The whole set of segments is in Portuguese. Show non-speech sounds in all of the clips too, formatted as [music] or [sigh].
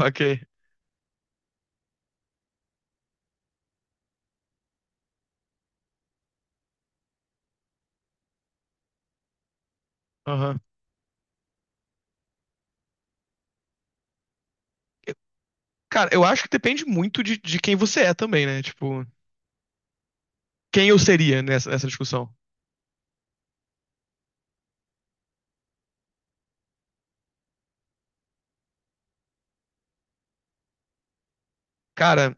Ok. Aham. Eu- Cara, eu acho que depende muito de quem você é também, né? Tipo, quem eu seria nessa discussão? Cara,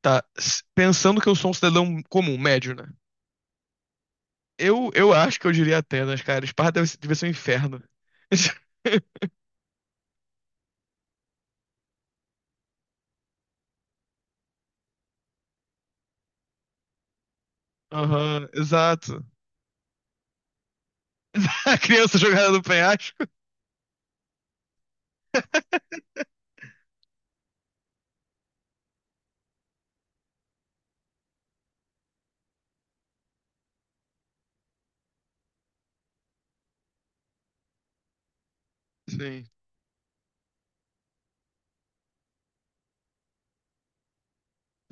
tá. Pensando que eu sou um cidadão comum, médio, né? Eu acho que eu diria Atenas, cara. Esparta devia ser um inferno. [laughs] Aham, exato. [laughs] A criança jogada no penhasco. Sim.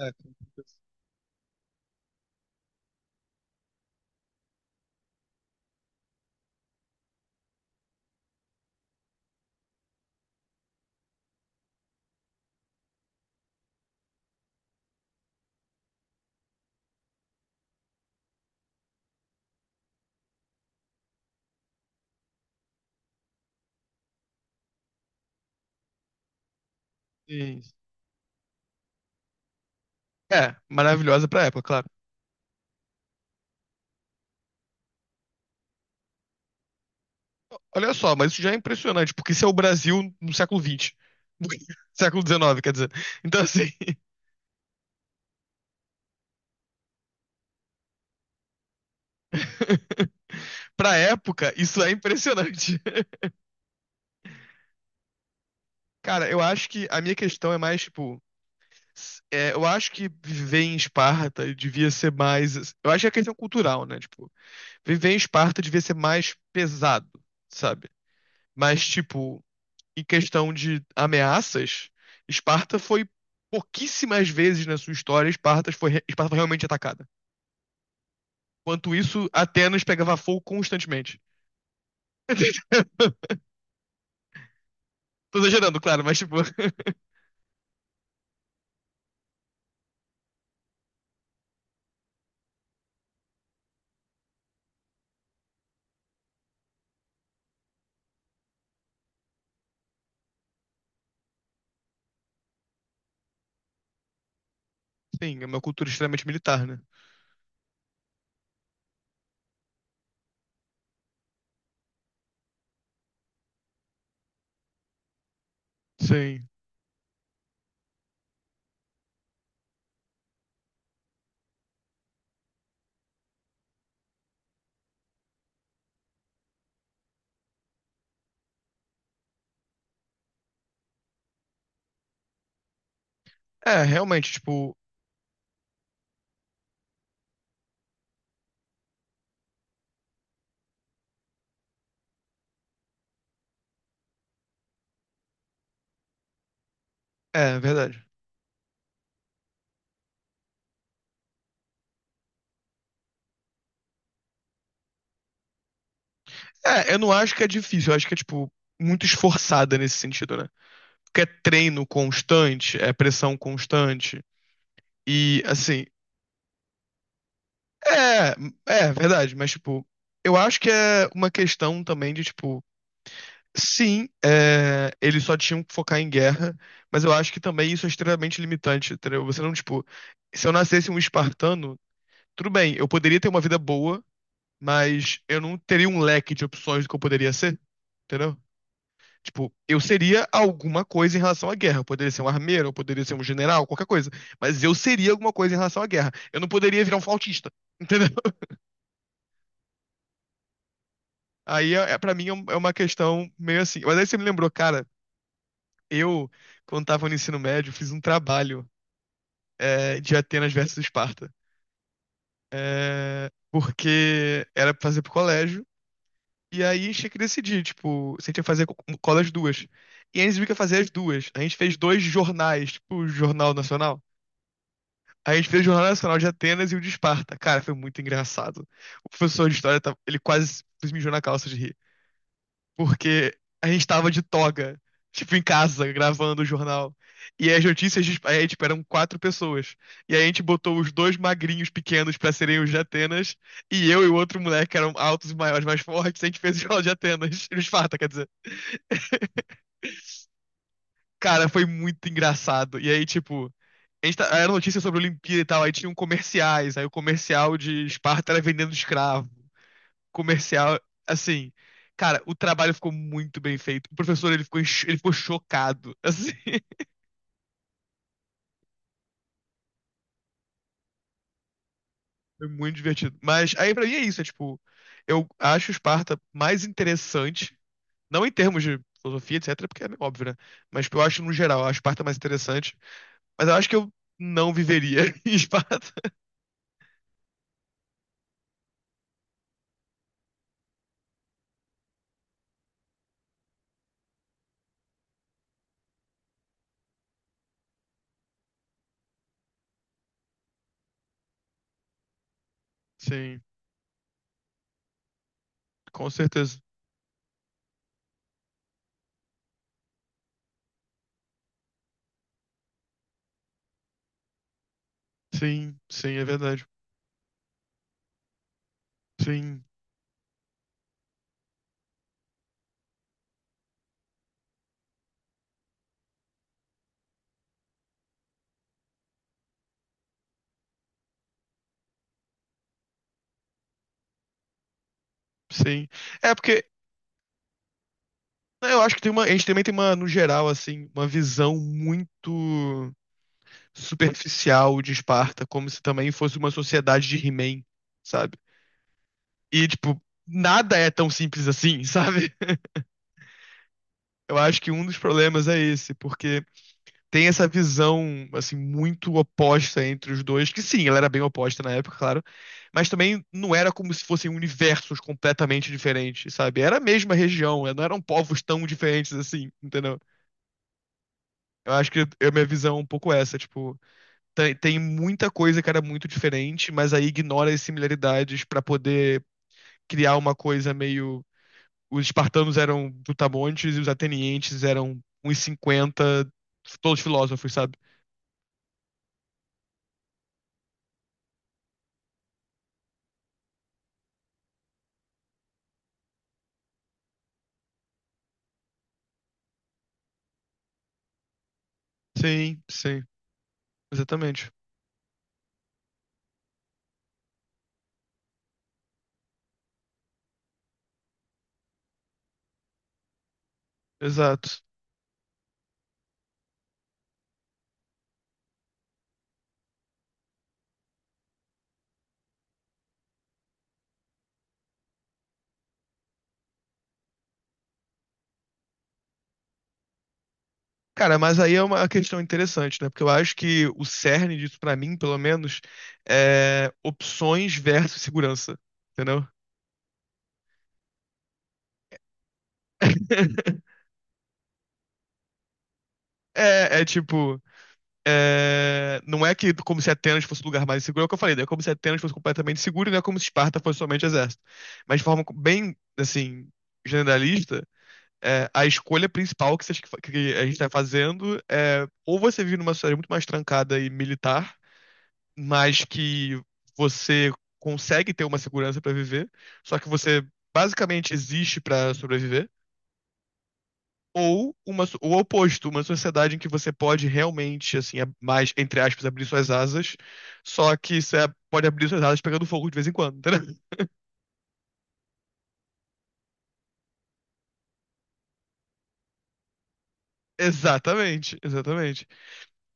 É, com certeza. Sim. É, maravilhosa pra época, claro. Olha só, mas isso já é impressionante, porque isso é o Brasil no século XX. [laughs] Século XIX, quer dizer. Então, assim. [laughs] Pra época, isso é impressionante. [laughs] Cara, eu acho que a minha questão é mais, tipo, é, eu acho que viver em Esparta devia ser mais. Eu acho que é questão cultural, né? Tipo, viver em Esparta devia ser mais pesado, sabe? Mas, tipo, em questão de ameaças, Esparta foi pouquíssimas vezes na sua história, Esparta foi realmente atacada. Enquanto isso, Atenas pegava fogo constantemente. [laughs] Tô exagerando, claro, mas, tipo, [laughs] sim, é uma cultura extremamente militar, né? Sim. É, realmente, tipo, é verdade. É, eu não acho que é difícil, eu acho que é, tipo, muito esforçada nesse sentido, né? Porque é treino constante, é pressão constante. E, assim, é, é verdade, mas, tipo, eu acho que é uma questão também de, tipo, sim, é, eles só tinham que focar em guerra, mas eu acho que também isso é extremamente limitante, entendeu? Você não, tipo, se eu nascesse um espartano, tudo bem, eu poderia ter uma vida boa. Mas eu não teria um leque de opções do que eu poderia ser, entendeu? Tipo, eu seria alguma coisa em relação à guerra. Eu poderia ser um armeiro, eu poderia ser um general, qualquer coisa. Mas eu seria alguma coisa em relação à guerra. Eu não poderia virar um flautista, entendeu? [laughs] Aí, pra mim, é uma questão meio assim. Mas aí você me lembrou, cara, eu, quando tava no ensino médio, fiz um trabalho de Atenas versus Esparta. É, porque era pra fazer pro colégio. E aí a gente tinha que decidir, tipo, se a gente ia fazer um, qual das duas. E aí a gente viu que ia fazer as duas. A gente fez dois jornais, tipo, o Jornal Nacional. A gente fez o Jornal Nacional de Atenas e o de Esparta. Cara, foi muito engraçado. O professor de história, ele quase se mijou na calça de rir porque a gente tava de toga, tipo, em casa, gravando o jornal. E as notícias, aí, tipo, eram quatro pessoas. E aí a gente botou os dois magrinhos pequenos pra serem os de Atenas, e eu e o outro moleque, que eram altos e maiores, mais fortes, a gente fez o jornal de Atenas, [laughs] de Esparta, quer dizer. Cara, foi muito engraçado. E aí, tipo, era notícia sobre a Olimpíada e tal, aí tinham comerciais, aí o comercial de Esparta era vendendo escravo. comercial, assim, cara, o trabalho ficou muito bem feito. O professor, ele ficou, ele ficou chocado, assim, [laughs] foi muito divertido. Mas aí pra mim é isso, é tipo, eu acho Esparta mais interessante, não em termos de filosofia, etc, porque é meio óbvio, né? Mas tipo, eu acho no geral, a Esparta mais interessante, mas eu acho que eu não viveria [laughs] em Esparta. Sim, com certeza. Sim, sim, é verdade. Sim, sim. É porque né, eu acho que tem uma, a gente também tem uma, no geral, assim, uma visão muito superficial de Esparta, como se também fosse uma sociedade de He-Man, sabe? E, tipo, nada é tão simples assim, [laughs] sabe? Eu acho que um dos problemas é esse, porque tem essa visão, assim, muito oposta entre os dois, que sim, ela era bem oposta na época, claro, mas também não era como se fossem universos completamente diferentes, sabe? Era a mesma região, não eram povos tão diferentes assim, entendeu? Eu acho que a minha visão é um pouco essa, tipo, Tem muita coisa que era muito diferente, mas aí ignora as similaridades pra poder criar uma coisa meio. Os espartanos eram brutamontes e os atenienses eram uns cinquenta todos filósofos, sabe? Sim, sim, exatamente. Exato. Cara, mas aí é uma questão interessante, né? Porque eu acho que o cerne disso, pra mim, pelo menos, é opções versus segurança, entendeu? [laughs] É, tipo, É, não é que como se Atenas fosse o lugar mais seguro, é o que eu falei, não é como se Atenas fosse completamente seguro, e não é como se Esparta fosse somente exército. Mas de forma bem, assim, generalista, é, a escolha principal que a gente está fazendo é ou você vive numa sociedade muito mais trancada e militar, mas que você consegue ter uma segurança para viver, só que você basicamente existe para sobreviver ou o oposto, uma sociedade em que você pode realmente, assim, mais, entre aspas, abrir suas asas, só que você pode abrir suas asas pegando fogo de vez em quando, entendeu? [laughs] Exatamente, exatamente.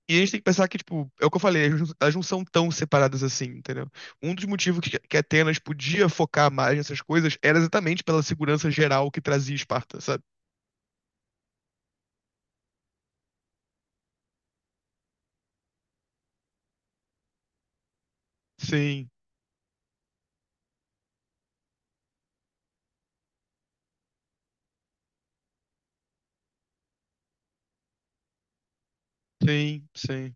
E a gente tem que pensar que, tipo, é o que eu falei, elas não são tão separadas assim, entendeu? Um dos motivos que Atenas podia focar mais nessas coisas era exatamente pela segurança geral que trazia Esparta, sabe? Sim, sim, sim,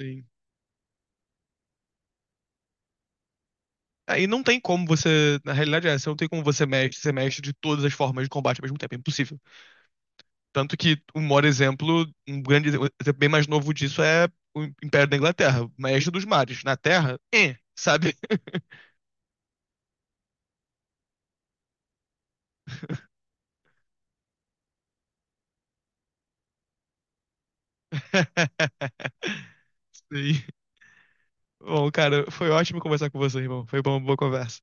sim. Aí não tem como você, na realidade é, você não tem como você mexe de todas as formas de combate ao mesmo tempo, é impossível. Tanto que um maior exemplo, um grande exemplo bem mais novo disso é o Império da Inglaterra, o Maestro dos Mares. Na Terra, sabe? [laughs] Sim. Bom, cara, foi ótimo conversar com você, irmão. Foi uma boa conversa.